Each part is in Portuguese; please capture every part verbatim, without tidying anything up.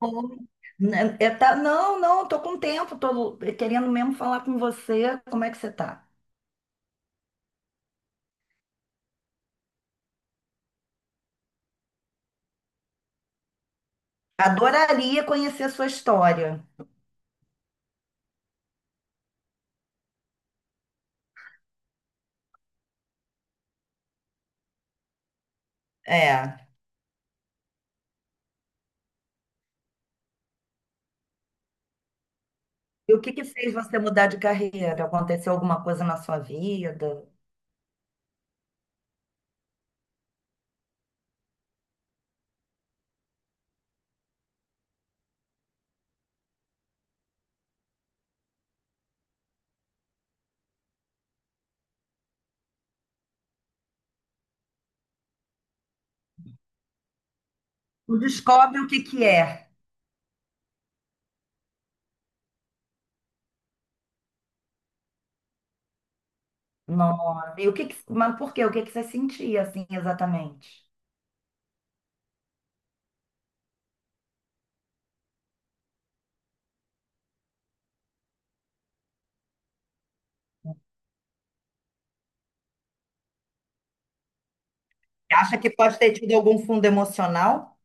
Oi. Né, é, tá- Não, não, tô com tempo, tô querendo mesmo falar com você. Como é que você tá? Adoraria conhecer a sua história. É. E o que que fez você mudar de carreira? Aconteceu alguma coisa na sua vida? Tu descobre o que que é. Não e o que que, Mas por quê? O que que você sentia assim exatamente? Acha que pode ter tido algum fundo emocional?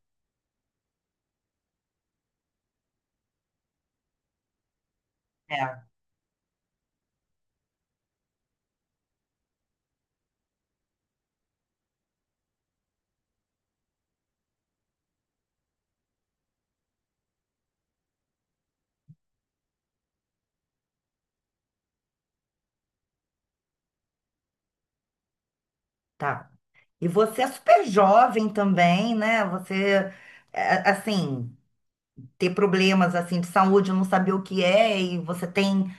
É, tá. E você é super jovem também, né? Você, é, assim. Ter problemas assim de saúde, não saber o que é, e você tem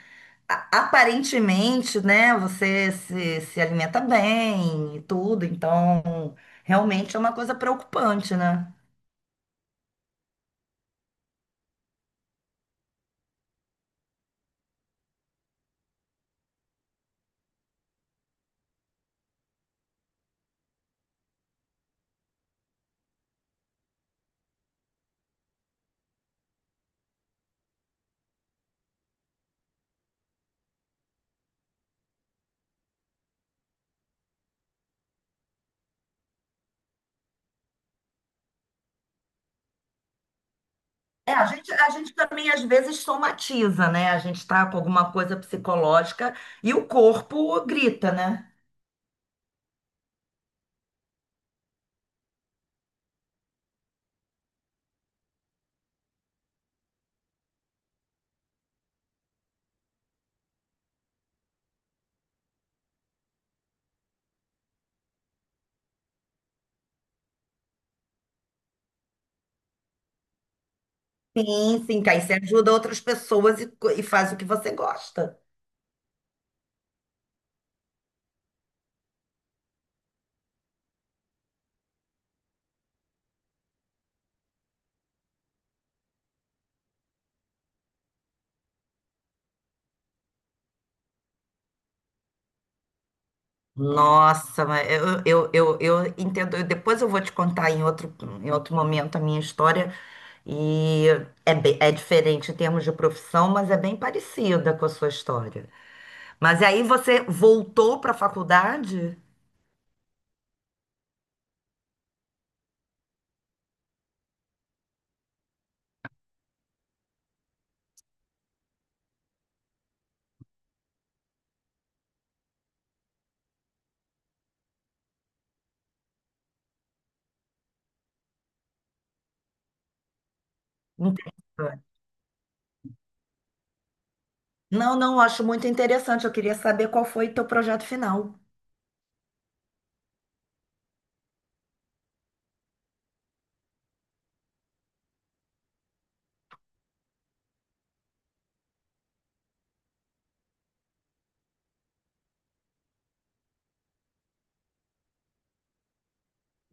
a- aparentemente, né, você se, se alimenta bem e tudo, então realmente é uma coisa preocupante, né? É, a gente, a gente também às vezes somatiza, né? A gente tá com alguma coisa psicológica e o corpo grita, né? Sim, sim, que aí você ajuda outras pessoas e, co- e faz o que você gosta. Nossa, mas eu, eu, eu, eu entendo. Eu- depois eu vou te contar em outro, em outro momento a minha história. E é, bem- é diferente em termos de profissão, mas é bem parecida com a sua história. Mas aí você voltou para a faculdade? Interessante. Não, não, eu acho muito interessante. Eu queria saber qual foi o teu projeto final.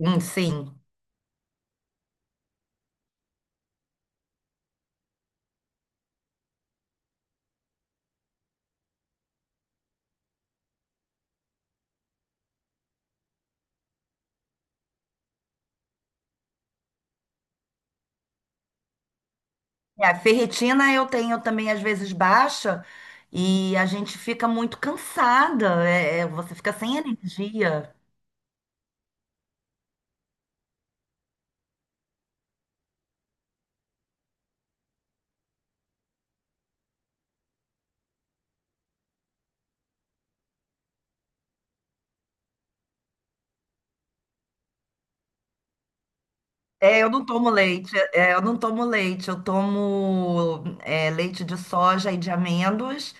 Hum, sim. É, a ferritina eu tenho também às vezes baixa e a gente fica muito cansada. É, é, você fica sem energia. É, eu não tomo leite, é, eu não tomo leite, eu tomo é, leite de soja e de amêndoas,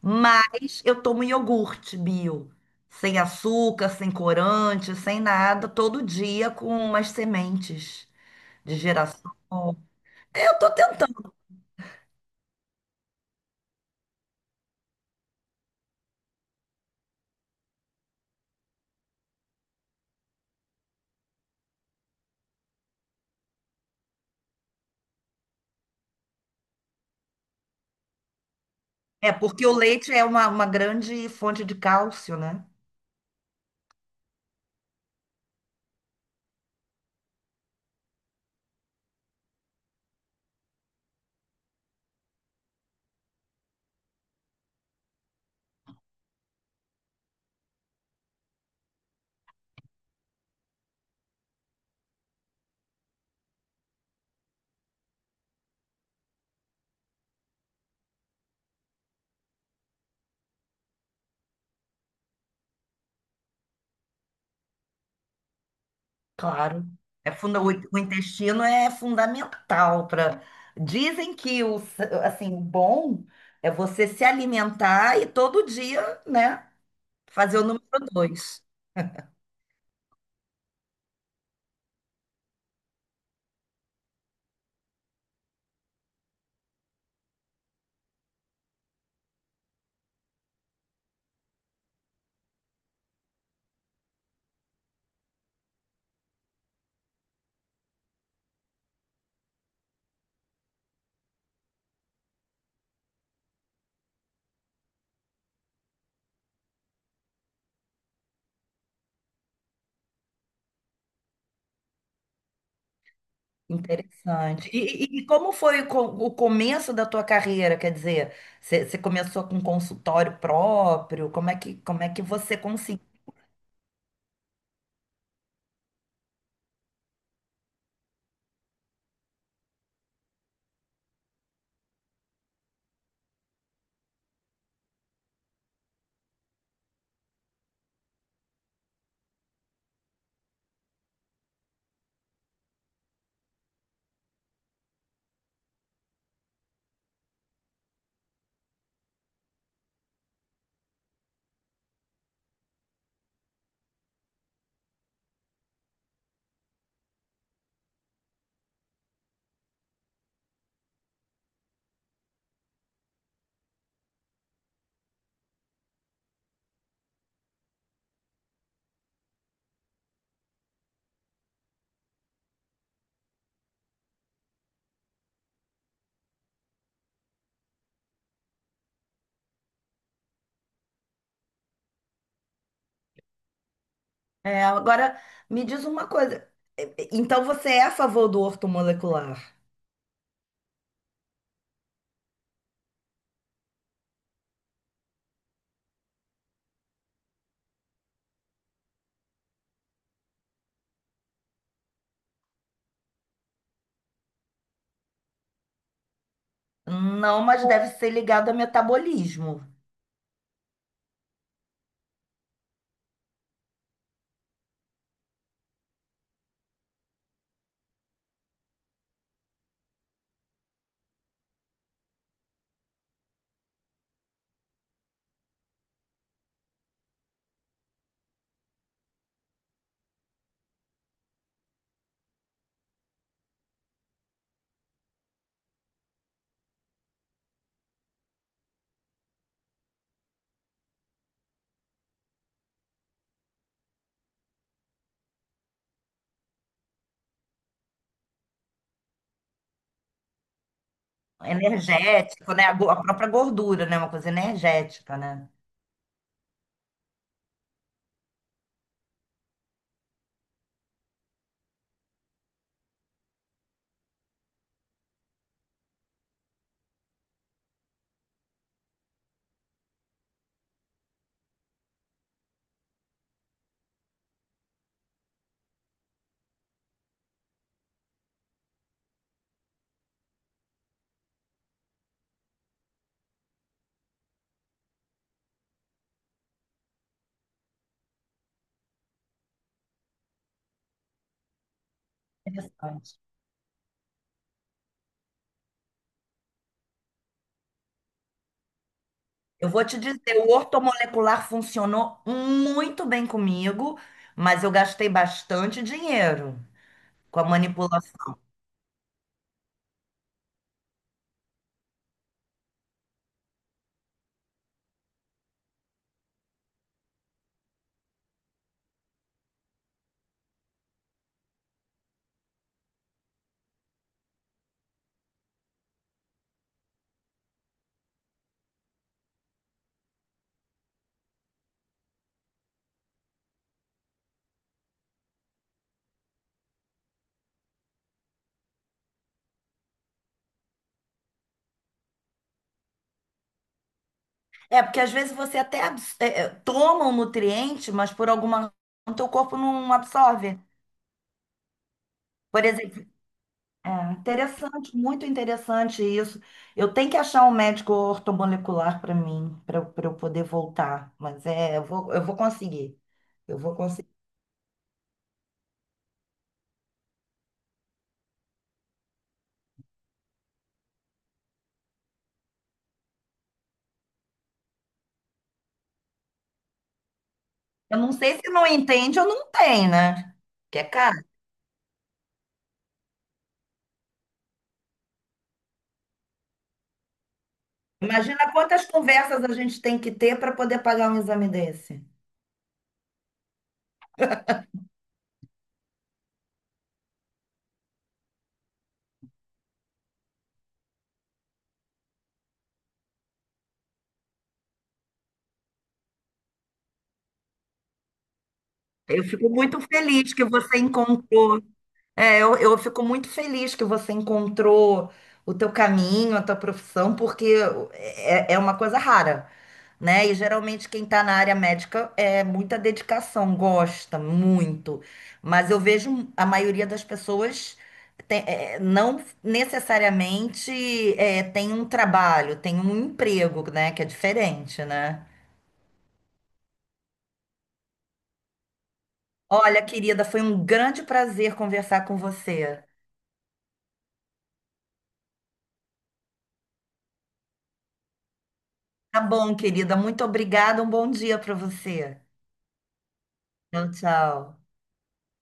mas eu tomo iogurte bio, sem açúcar, sem corante, sem nada, todo dia com umas sementes de girassol. Eu tô tentando, é porque o leite é uma, uma grande fonte de cálcio, né? Claro. É funda, o o intestino é fundamental para. Dizem que o, s- assim, o bom é você se alimentar e todo dia, né, fazer o número dois. Interessante. E, e- e como foi o, co- o começo da tua carreira? Quer dizer, você você começou com consultório próprio? Como é que, como é que você conseguiu? É, agora, me diz uma coisa. Então, você é a favor do ortomolecular? Não, mas deve ser ligado a metabolismo. Energético, né? A go- a própria gordura, né? Uma coisa energética, né? Interessante. Eu vou te dizer, o ortomolecular funcionou muito bem comigo, mas eu gastei bastante dinheiro com a manipulação. É, porque às vezes você até abs- é, é, toma um nutriente, mas por alguma razão teu corpo não absorve. Por exemplo, é interessante, muito interessante isso. Eu tenho que achar um médico ortomolecular para mim, para eu poder voltar. Mas é, eu vou, eu vou conseguir. Eu vou conseguir. Eu não sei se não entende ou não tem, né? Que é caro. Imagina quantas conversas a gente tem que ter para poder pagar um exame desse. Eu fico muito feliz que você encontrou. É, eu, eu fico muito feliz que você encontrou o teu caminho, a tua profissão, porque é, é uma coisa rara. Né? E geralmente quem está na área médica é muita dedicação, gosta muito. Mas eu vejo a maioria das pessoas tem- é, não necessariamente é, tem um trabalho, tem um emprego, né? Que é diferente, né? Olha, querida, foi um grande prazer conversar com você. Tá bom, querida. Muito obrigada. Um bom dia para você. Tchau, tchau.